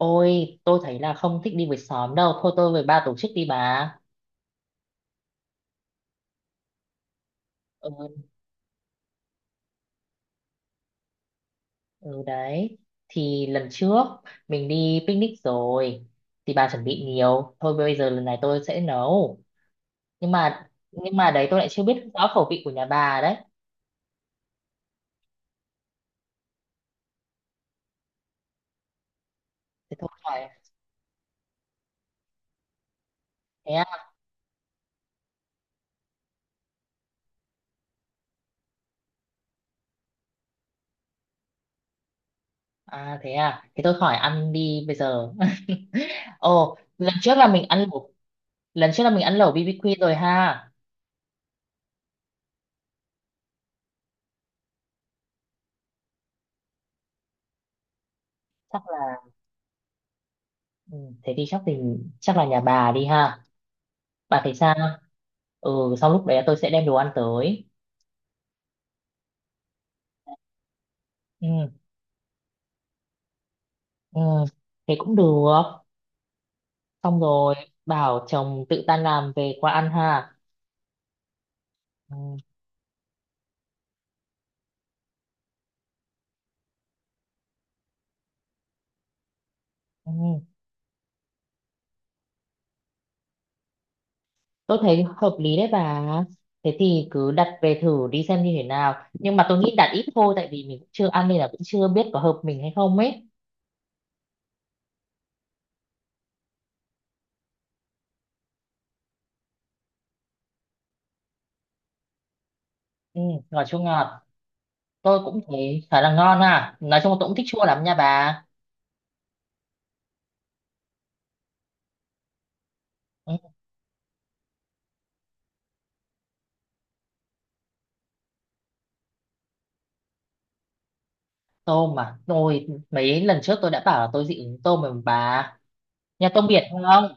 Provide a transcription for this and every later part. Ôi, tôi thấy là không thích đi với xóm đâu. Thôi tôi với ba tổ chức đi bà. Ừ, ừ đấy. Thì lần trước mình đi picnic rồi. Thì bà chuẩn bị nhiều. Thôi bây giờ lần này tôi sẽ nấu. Nhưng mà đấy tôi lại chưa biết rõ khẩu vị của nhà bà đấy. Thế thôi khỏi, thế à? À. Thế tôi khỏi ăn đi bây giờ. Ồ, lần trước là mình ăn lẩu, lần trước là mình ăn lẩu BBQ rồi ha. Chắc là, ừ, thế thì chắc là nhà bà đi ha. Bà thấy sao? Ừ, xong lúc đấy tôi sẽ đem đồ ăn tới. Ừ, ừ thế cũng được, xong rồi bảo chồng tự tan làm về qua ăn ha. ừ, ừ. Tôi thấy hợp lý đấy bà. Thế thì cứ đặt về thử đi xem như thế nào, nhưng mà tôi nghĩ đặt ít thôi, tại vì mình cũng chưa ăn nên là cũng chưa biết có hợp mình hay không ấy. Ừ, ngọt, chua ngọt. Tôi cũng thấy khá là ngon ha, nói chung là tôi cũng thích chua lắm nha bà. Ừ, tôm mà tôi mấy lần trước tôi đã bảo là tôi dị ứng tôm rồi mà bà. Nhà tôm biển không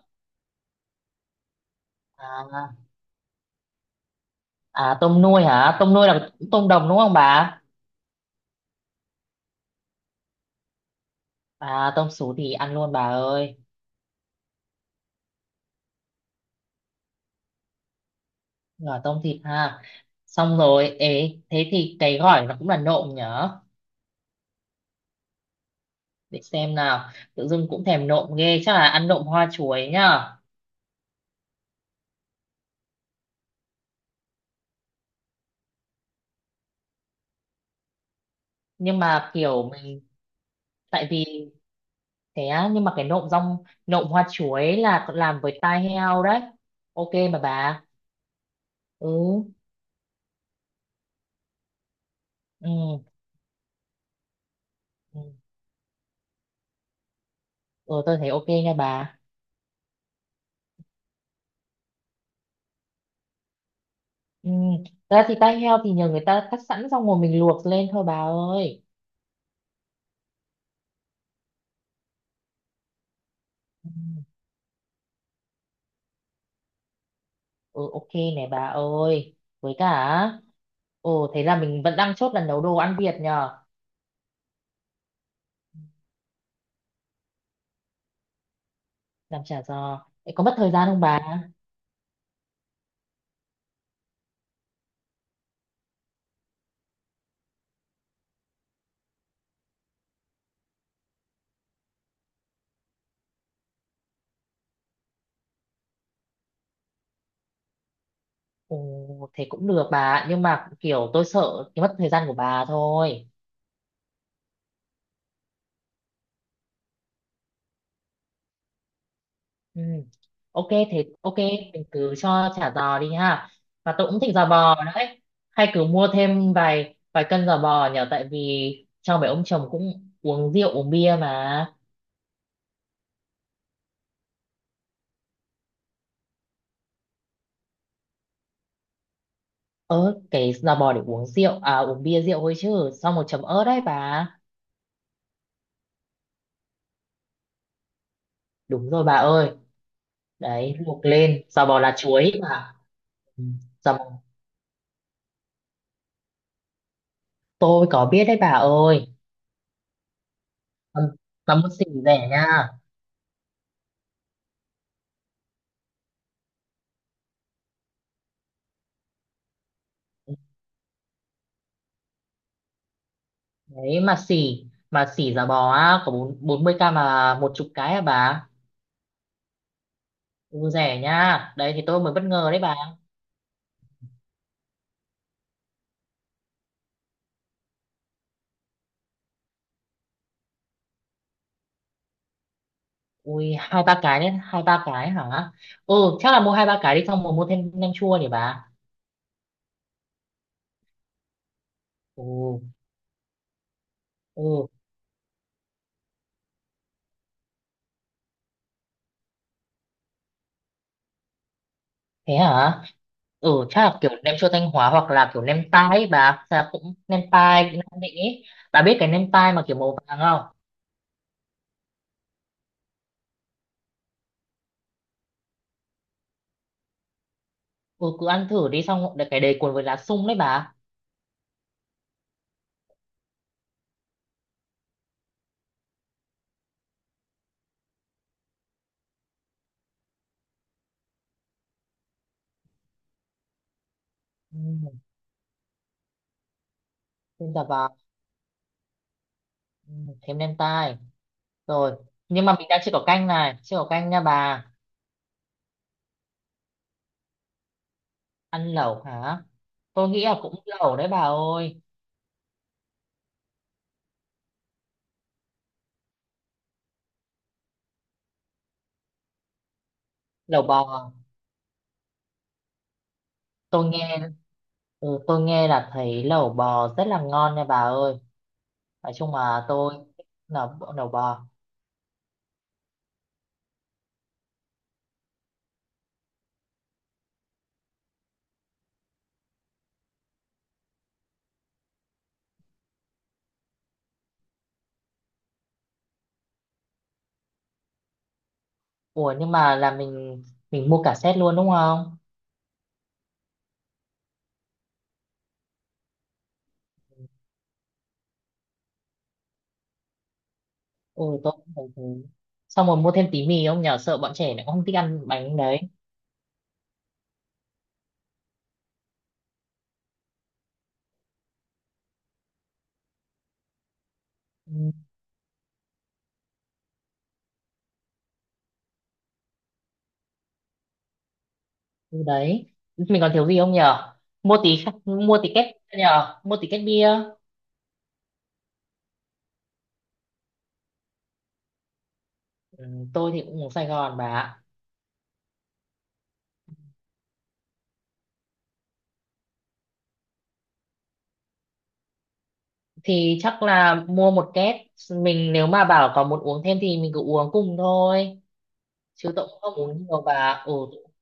à? À tôm nuôi hả? Tôm nuôi là tôm đồng đúng không bà? À tôm sú thì ăn luôn bà ơi. Rồi tôm thịt ha. Xong rồi, ế, thế thì cái gỏi nó cũng là nộm nhở? Để xem nào. Tự dưng cũng thèm nộm ghê, chắc là ăn nộm hoa chuối nhá. Nhưng mà kiểu mình, tại vì thế á, nhưng mà cái nộm rong, nộm hoa chuối là làm với tai heo đấy. Ok mà bà. Ừ. Ừ. Ừ, ừ, tôi thấy ok nha bà. Ừ. Thật ra thì tai heo thì nhờ người ta cắt sẵn xong rồi mình luộc lên thôi bà ơi. Ừ, ừ, ok này bà ơi. Với cả, ồ thế là mình vẫn đang chốt là nấu đồ ăn Việt nhờ. Làm chả giò. Thế có mất thời gian không bà? Ồ thế cũng được bà, ạ, nhưng mà kiểu tôi sợ cái mất thời gian của bà thôi. Ừ. Ok thì ok, mình cứ cho chả giò đi ha, và tôi cũng thích giò bò đấy. Hay cứ mua thêm vài vài cân giò bò nhở, tại vì cho mấy ông chồng cũng uống rượu uống bia mà. Ớ cái giò bò để uống rượu à, uống bia rượu thôi chứ, xong một chấm ớt đấy bà. Đúng rồi bà ơi, đấy luộc lên giò bò lá chuối bà. Ừ. Giò bò tôi có biết đấy bà ơi. Tầm, tầm mua xỉ rẻ nha, đấy mà xỉ, mà xỉ giả bò á có bốn bốn mươi k mà một chục cái à bà. Ừ, rẻ nha, đấy thì tôi mới bất ngờ đấy bà. Ui hai ba cái đấy, hai ba cái hả, ừ chắc là mua hai ba cái đi, xong rồi mua thêm nem chua nhỉ bà. Ừ, ừ, thế hả, ừ chắc là kiểu nem chua Thanh Hóa hoặc là kiểu nem tai ấy bà. Chắc là cũng nem tai Nam Định ấy, bà biết cái nem tai mà kiểu màu vàng không? Ừ cứ ăn thử đi, xong rồi cái đầy cuốn với lá sung đấy bà. Ừ, thêm cả vào, ừ, thêm nem tai rồi. Nhưng mà mình đang chưa có canh, này chưa có canh nha bà. Ăn lẩu hả? Tôi nghĩ là cũng lẩu đấy bà ơi. Lẩu bò, tôi nghe, ừ, tôi nghe là thấy lẩu bò rất là ngon nha bà ơi. Nói chung là tôi thích lẩu, lẩu bò. Ủa nhưng mà là mình mua cả set luôn đúng không? Ui tôi cũng thấy thế. Xong rồi mua thêm tí mì không nhờ, sợ bọn trẻ nó không thích ăn bánh đấy. Ừ, ừ đấy, mình còn thiếu gì không nhờ, mua tí, mua tí két nhờ, mua tí két bia. Ừ, tôi thì cũng uống Sài Gòn bà ạ. Thì chắc là mua một két, mình nếu mà bảo có muốn uống thêm thì mình cứ uống cùng thôi, chứ tôi cũng không uống nhiều bà ạ. Ừ,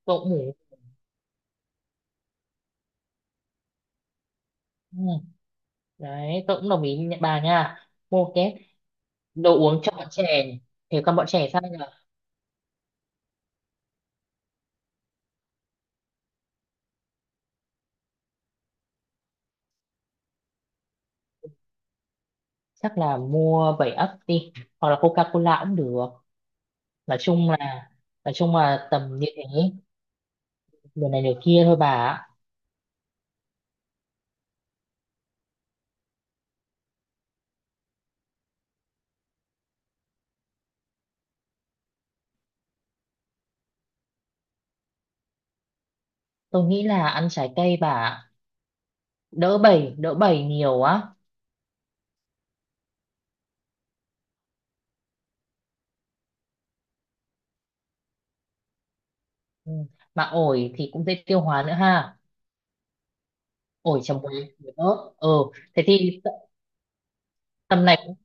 tôi cũng uống, ừ. Đấy tôi cũng đồng ý nha- bà nha, mua một két đồ uống cho bọn trẻ, thì con bọn trẻ sao nhỉ. Chắc là mua bảy ấp đi, hoặc là Coca-Cola cũng được. Nói chung là, nói chung là tầm như thế, điều này điều kia thôi bà ạ. Tôi nghĩ là ăn trái cây bà ạ, đỡ bảy, đỡ bảy nhiều á. Ừ. Mà ổi thì cũng dễ tiêu hóa nữa ha, ổi chấm muối, muối ớt. Ừ thế thì t-, tầm này cũng-,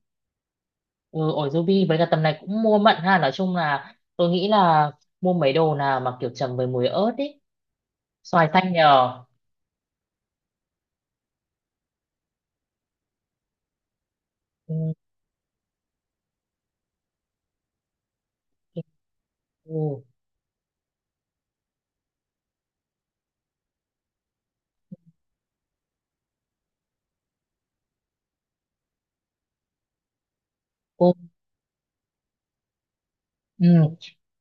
ừ, ổi ruby với cả tầm này cũng mua mận ha, nói chung là tôi nghĩ là mua mấy đồ nào mà kiểu chấm với muối ớt ý, xoài xanh nhờ. Ừ. Ừ. Ừ. Ừ.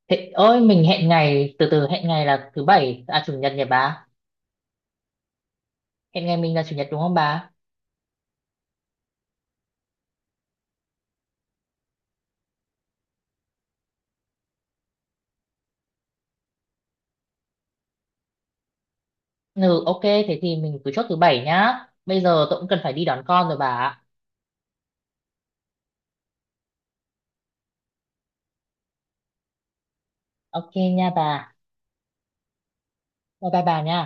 Thế ơi mình hẹn ngày, từ từ, hẹn ngày là thứ bảy à chủ nhật nhỉ bà, hẹn ngày mình là chủ nhật đúng không bà? Ừ ok thế thì mình cứ chốt thứ bảy nhá, bây giờ tôi cũng cần phải đi đón con rồi bà ạ. Ok nha bà, bye bye bà nha.